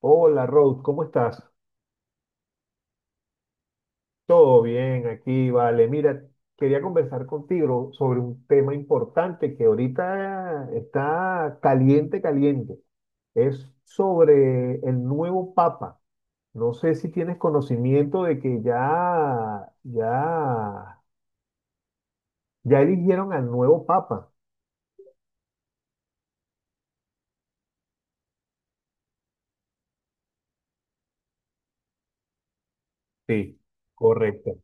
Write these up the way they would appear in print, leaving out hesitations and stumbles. Hola Rose, ¿cómo estás? Todo bien aquí, vale. Mira, quería conversar contigo sobre un tema importante que ahorita está caliente, caliente. Es sobre el nuevo Papa. No sé si tienes conocimiento de que ya eligieron al nuevo Papa. Sí, correcto.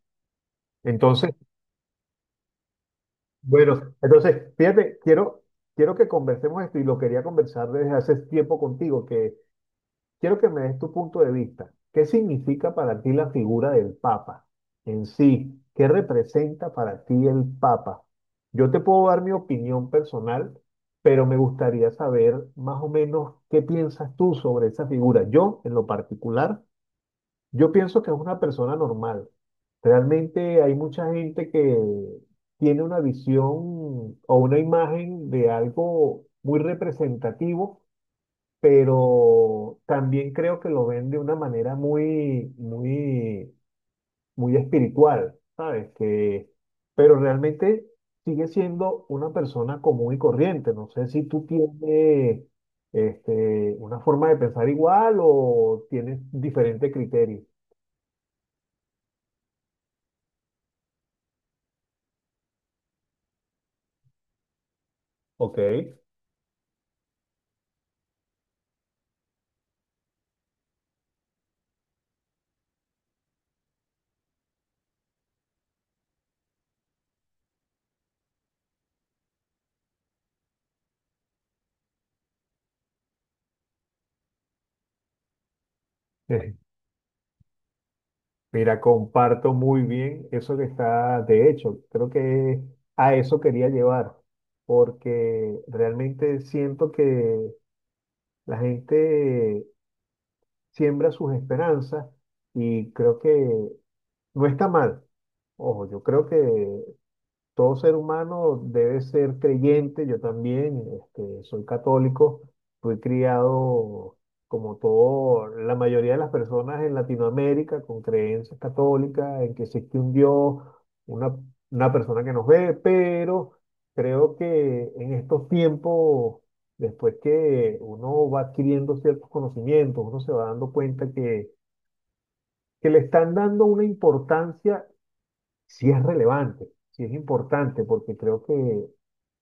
Entonces, bueno, fíjate, quiero que conversemos esto y lo quería conversar desde hace tiempo contigo, que Quiero que me des tu punto de vista. ¿Qué significa para ti la figura del Papa en sí? ¿Qué representa para ti el Papa? Yo te puedo dar mi opinión personal, pero me gustaría saber más o menos qué piensas tú sobre esa figura. Yo, en lo particular, yo pienso que es una persona normal. Realmente hay mucha gente que tiene una visión o una imagen de algo muy representativo, pero también creo que lo ven de una manera muy, muy, muy espiritual, ¿sabes? Que, pero realmente sigue siendo una persona común y corriente. No sé si tú tienes una forma de pensar igual o tienes diferente criterio. Ok. Mira, comparto muy bien eso que está. De hecho, creo que a eso quería llevar, porque realmente siento que la gente siembra sus esperanzas y creo que no está mal. Ojo, yo creo que todo ser humano debe ser creyente. Yo también, soy católico, fui criado como todo, la mayoría de las personas en Latinoamérica con creencias católicas, en que existe un Dios, una, una persona que nos ve. Pero creo que en estos tiempos, después que uno va adquiriendo ciertos conocimientos, uno se va dando cuenta que le están dando una importancia si es relevante, si es importante, porque creo que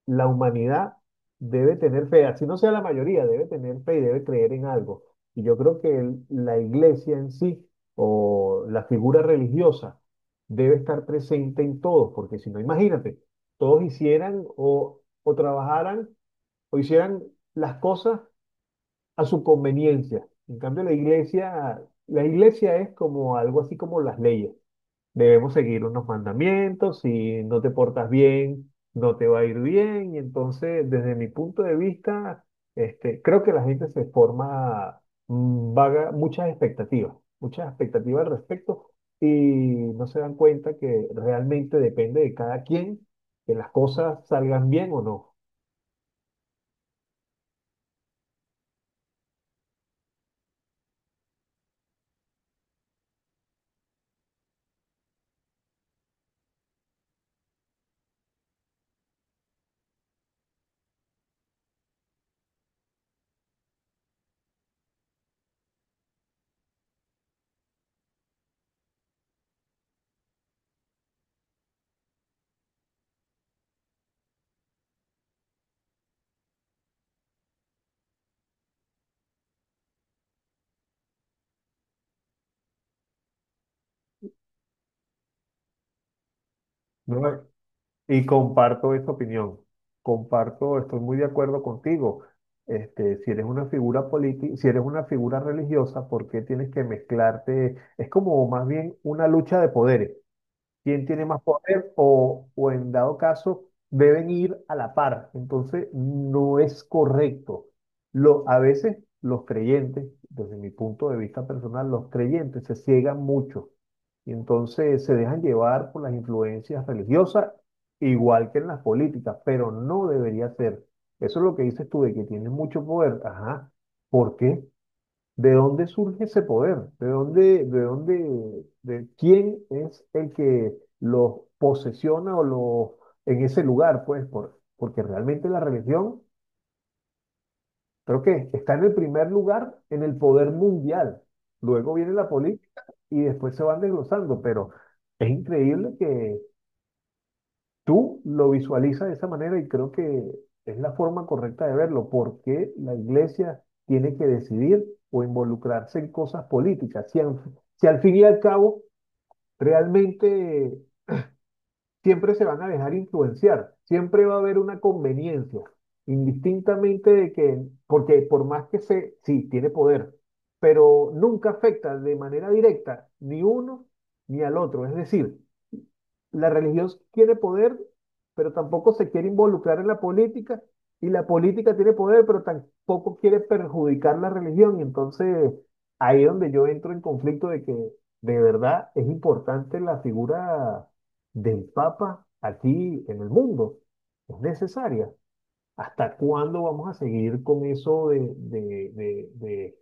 la humanidad debe tener fe, así no sea la mayoría, debe tener fe y debe creer en algo. Y yo creo que la iglesia en sí o la figura religiosa debe estar presente en todos, porque si no, imagínate, todos hicieran o trabajaran o hicieran las cosas a su conveniencia. En cambio, la iglesia es como algo así como las leyes. Debemos seguir unos mandamientos. Si no te portas bien, no te va a ir bien. Y entonces, desde mi punto de vista, creo que la gente se forma vaga, muchas expectativas al respecto y no se dan cuenta que realmente depende de cada quien que las cosas salgan bien o no. ¿No? Y comparto esa opinión. Comparto, estoy muy de acuerdo contigo. Si eres una figura política, si eres una figura religiosa, ¿por qué tienes que mezclarte? Es como más bien una lucha de poderes. ¿Quién tiene más poder o en dado caso deben ir a la par? Entonces no es correcto. A veces los creyentes, desde mi punto de vista personal, los creyentes se ciegan mucho y entonces se dejan llevar por las influencias religiosas, igual que en las políticas, pero no debería ser. Eso es lo que dices tú de que tienes mucho poder. Ajá. ¿Por qué? ¿De dónde surge ese poder? ¿De dónde, de quién es el que los posesiona o los en ese lugar? Pues porque realmente la religión, creo que está en el primer lugar en el poder mundial. Luego viene la política y después se van desglosando, pero es increíble que tú lo visualizas de esa manera. Y creo que es la forma correcta de verlo, porque la iglesia tiene que decidir o involucrarse en cosas políticas. Si al fin y al cabo realmente siempre se van a dejar influenciar, siempre va a haber una conveniencia, indistintamente de que, porque por más que se, sí, tiene poder, pero nunca afecta de manera directa ni uno ni al otro. Es decir, la religión quiere poder, pero tampoco se quiere involucrar en la política, y la política tiene poder, pero tampoco quiere perjudicar la religión, y entonces ahí es donde yo entro en conflicto de que de verdad es importante la figura del Papa aquí en el mundo, es necesaria. ¿Hasta cuándo vamos a seguir con eso de, de, de, de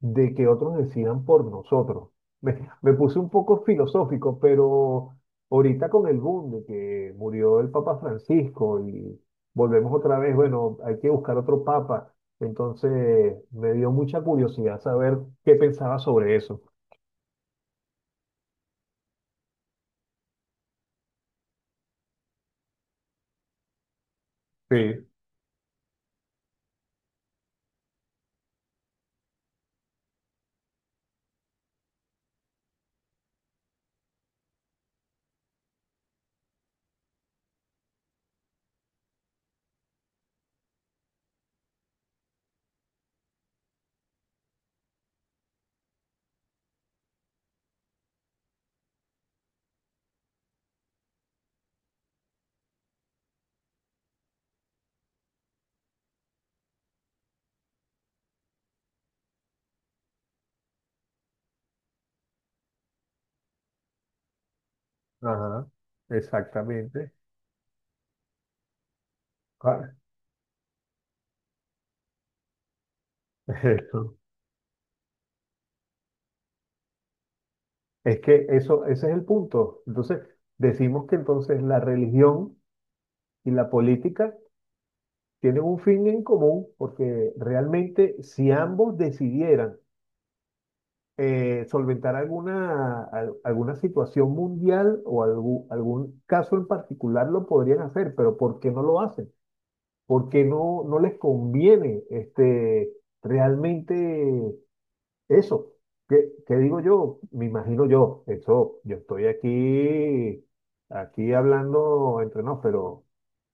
de que otros decidan por nosotros? Me puse un poco filosófico, pero ahorita con el boom de que murió el Papa Francisco y volvemos otra vez, bueno, hay que buscar otro papa. Entonces me dio mucha curiosidad saber qué pensaba sobre eso. Sí, ajá, exactamente. Ah, eso. Es que eso, ese es el punto. Entonces, decimos que entonces la religión y la política tienen un fin en común, porque realmente si ambos decidieran solventar alguna situación mundial o algún caso en particular, lo podrían hacer. Pero ¿por qué no lo hacen? ¿Por qué no les conviene realmente eso? ¿Qué digo yo? Me imagino yo, eso, yo estoy aquí, hablando entre nos. Pero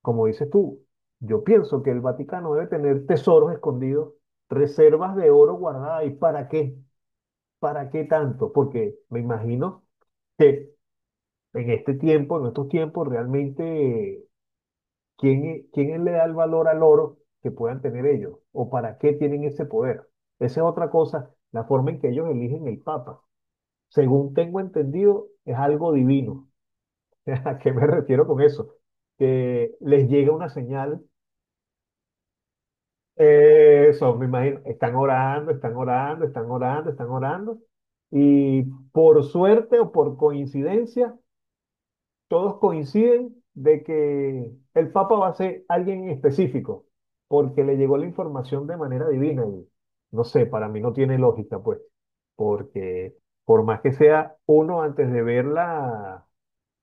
como dices tú, yo pienso que el Vaticano debe tener tesoros escondidos, reservas de oro guardadas, ¿y para qué? ¿Para qué tanto? Porque me imagino que en este tiempo, en estos tiempos, realmente, ¿quién le da el valor al oro que puedan tener ellos? ¿O para qué tienen ese poder? Esa es otra cosa, la forma en que ellos eligen el Papa, según tengo entendido, es algo divino. ¿A qué me refiero con eso? Que les llega una señal, eso, me imagino, están orando, están orando, están orando, están orando, y por suerte o por coincidencia, todos coinciden de que el Papa va a ser alguien en específico, porque le llegó la información de manera divina. Y no sé, para mí no tiene lógica, pues, porque por más que sea uno antes de verla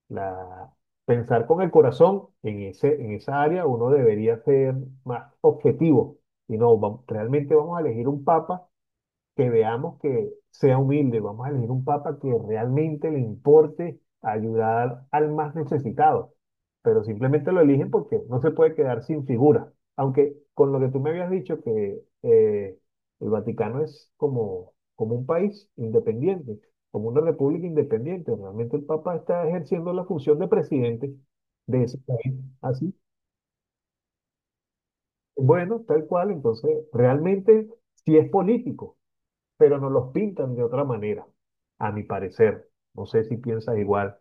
la, pensar con el corazón en esa área, uno debería ser más objetivo. Y no, realmente vamos a elegir un papa que veamos que sea humilde. Vamos a elegir un papa que realmente le importe ayudar al más necesitado. Pero simplemente lo eligen porque no se puede quedar sin figura. Aunque con lo que tú me habías dicho, que el Vaticano es como un país independiente, como una república independiente. Realmente el papa está ejerciendo la función de presidente de ese país. Así, bueno, tal cual. Entonces, realmente sí es político, pero nos los pintan de otra manera, a mi parecer. No sé si piensas igual.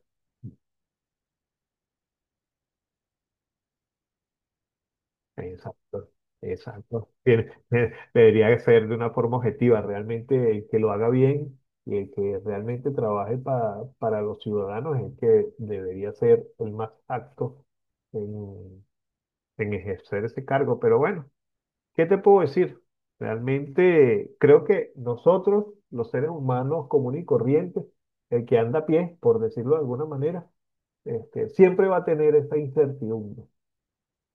Exacto, exacto. Debería ser de una forma objetiva, realmente el que lo haga bien y el que realmente trabaje para los ciudadanos es el que debería ser el más apto en, en ejercer ese cargo. Pero bueno, ¿qué te puedo decir? Realmente creo que nosotros, los seres humanos comunes y corrientes, el que anda a pie, por decirlo de alguna manera, siempre va a tener esta incertidumbre.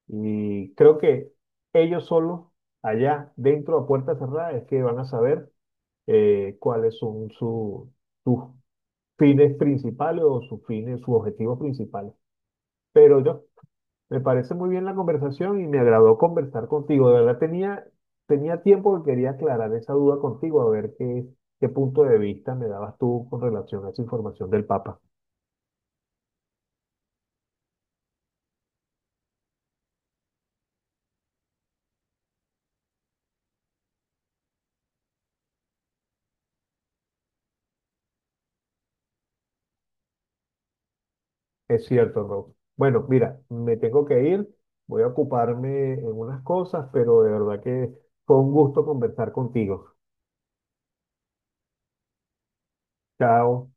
Y creo que ellos solos, allá, dentro a puerta cerrada, es que van a saber cuáles son sus fines principales o sus fines, sus objetivos principales. Pero yo, me parece muy bien la conversación y me agradó conversar contigo. De verdad tenía tiempo que quería aclarar esa duda contigo, a ver qué punto de vista me dabas tú con relación a esa información del Papa. Es cierto, Rob. Bueno, mira, me tengo que ir, voy a ocuparme en unas cosas, pero de verdad que fue un gusto conversar contigo. Chao.